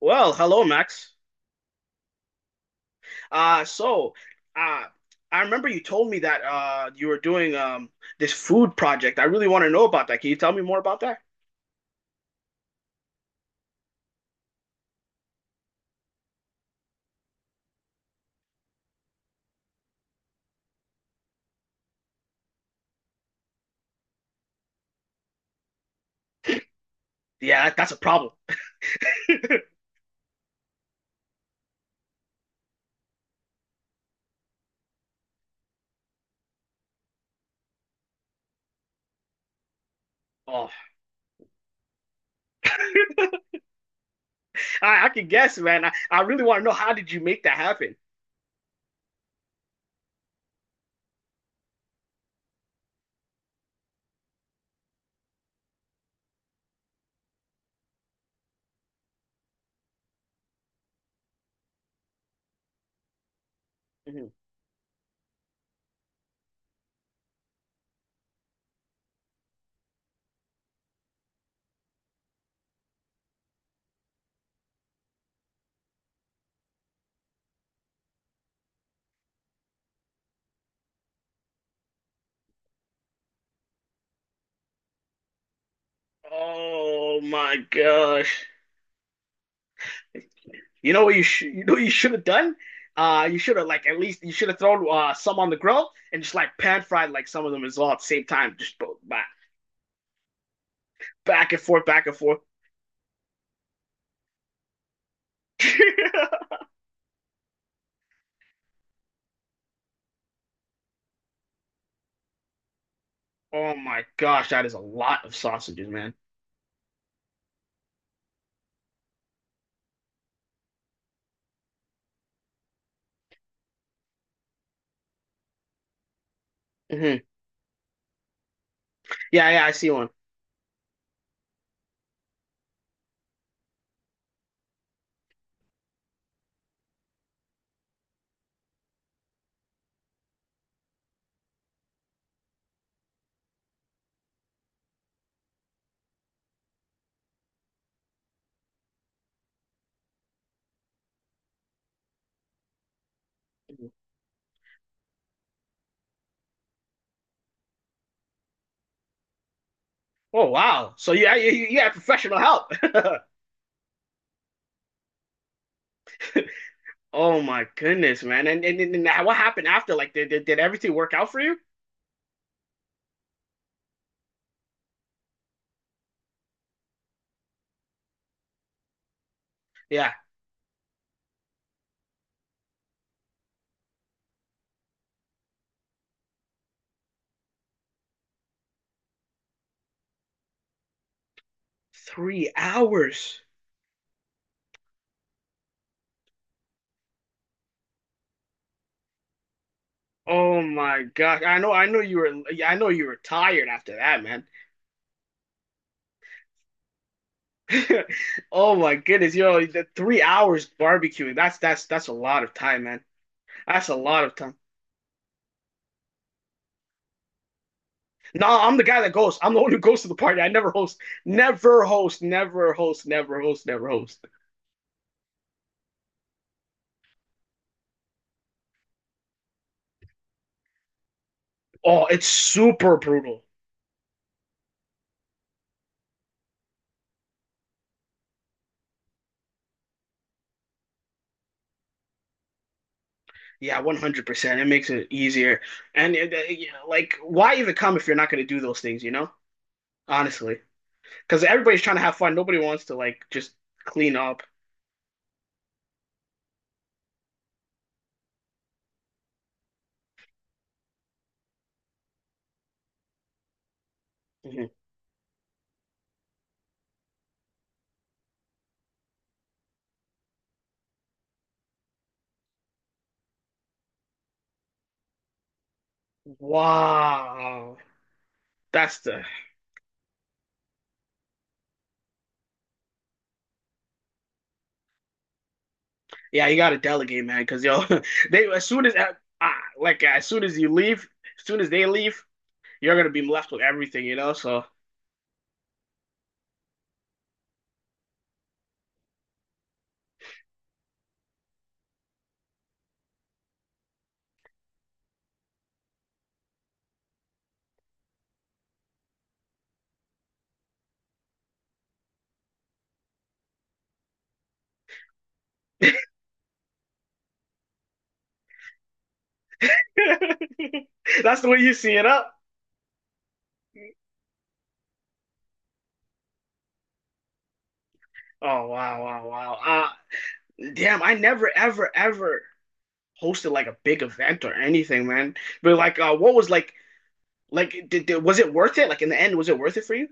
Well, hello, Max. Uh, so, uh, I remember you told me that you were doing this food project. I really want to know about that. Can you tell me more about that? Yeah, that's a problem. Oh, I can guess, man. I really want to know how did you make that happen? Mhm. Oh my gosh. You know what you should have done? You should have like at least you should have thrown some on the grill and just like pan fried like some of them as well at the same time. Just back back and forth, back and forth. Oh my gosh, that is a lot of sausages, man. Hmm. Yeah, yeah, I see one. Mhm. Oh wow, so yeah, you had professional help. Oh my goodness, man. And what happened after? Like, did everything work out for you? Yeah, three hours. Oh my gosh. I know you were yeah, I know you were tired after that, man. Oh my goodness, yo, the three hours barbecuing. That's a lot of time, man. That's a lot of time. No, I'm the guy that goes. I'm the one who goes to the party. I never host. Never host, never host, never host, never host. Oh, it's super brutal. Yeah, 100%. It makes it easier. And you know, like why even come if you're not going to do those things, you know? Honestly. Because everybody's trying to have fun. Nobody wants to like just clean up. Mm-hmm. Wow, that's the yeah. You gotta delegate, man, because yo, they as soon as ah, like as soon as as soon as they leave, you're gonna be left with everything, you know. So that's the way you see it up. Oh wow, wow, wow. Damn, I never, ever, ever hosted like a big event or anything, man. But like, what was like was it worth it? Like in the end, was it worth it for you?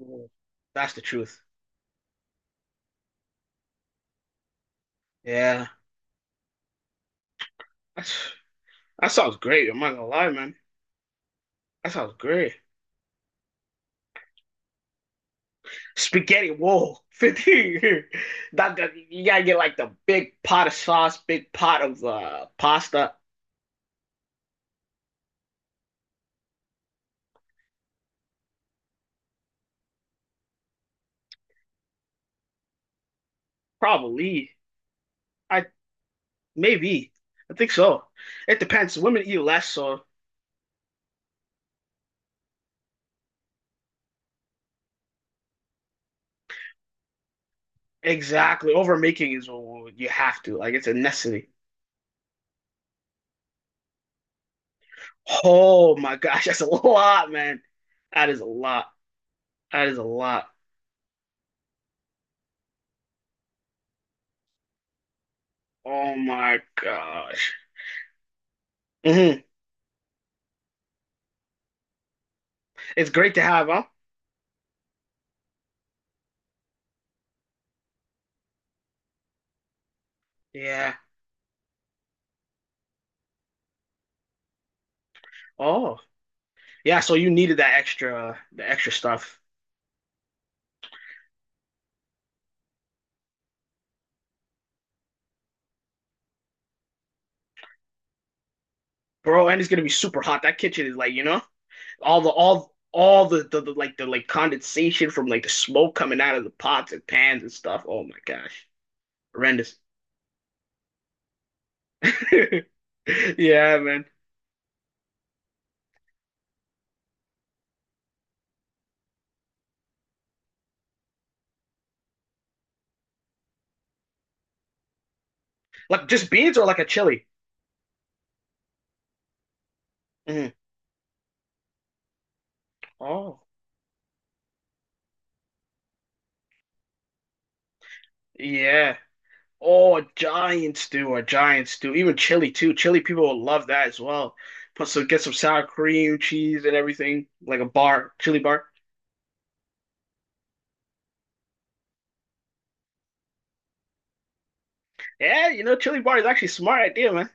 Mm. That's the truth. Yeah, that's that sounds great. I'm not gonna lie, man. That sounds great. Spaghetti, whoa, 50. That you gotta get like the big pot of sauce, big pot of pasta. Probably. I Maybe. I think so. It depends. Women eat less, so exactly. Overmaking is what you have to. Like it's a necessity. Oh my gosh, that's a lot, man. That is a lot. That is a lot. Oh my gosh. Hmm. It's great to have, huh? Yeah. Oh. Yeah, so you needed that extra the extra stuff. Bro, and it's gonna be super hot. That kitchen is like, you know, all the like condensation from like the smoke coming out of the pots and pans and stuff. Oh my gosh. Horrendous. Yeah, man. Like just beans or like a chili? Mhm. Oh, yeah. Oh, a giant stew, a giant stew. Even chili too. Chili people will love that as well. Put some, get some sour cream, cheese, and everything, like a bar, chili bar. Yeah, you know, chili bar is actually a smart idea, man.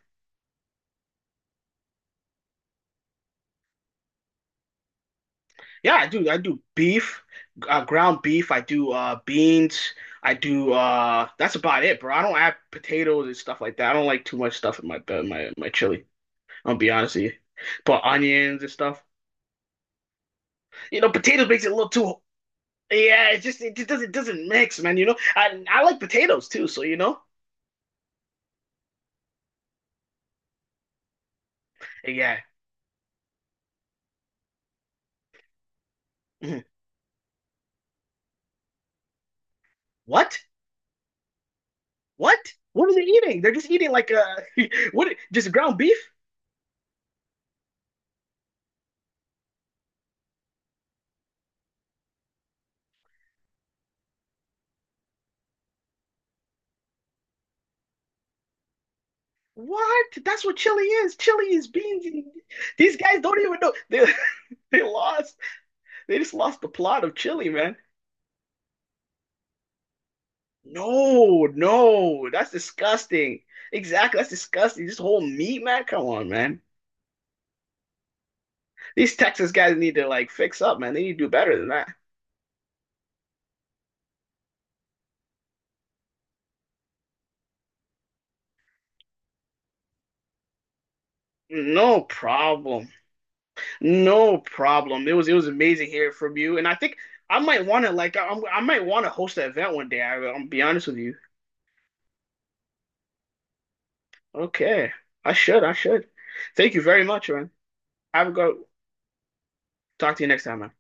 Yeah, I do. I do beef, ground beef. I do beans. I do. That's about it, bro. I don't add potatoes and stuff like that. I don't like too much stuff in my chili. I'll be honest with you. Put onions and stuff. You know, potatoes makes it a little too. Yeah, it just doesn't mix, man. You know, I like potatoes too, so you know, yeah. Mhm. What? What? What are they eating? They're just eating like what? Just ground beef? What? That's what chili is. Chili is beans. And- These guys don't even know. They they lost. They just lost the plot of chili, man. No, no, that's disgusting. Exactly, that's disgusting. This whole meat, man. Come on, man. These Texas guys need to like fix up, man. They need to do better than that. No problem. No problem. It was amazing hearing from you, and I think I might want I might want to host an event one day. I'll be honest with you. Okay, I should. I should. Thank you very much, man. Have a go. Talk to you next time, man.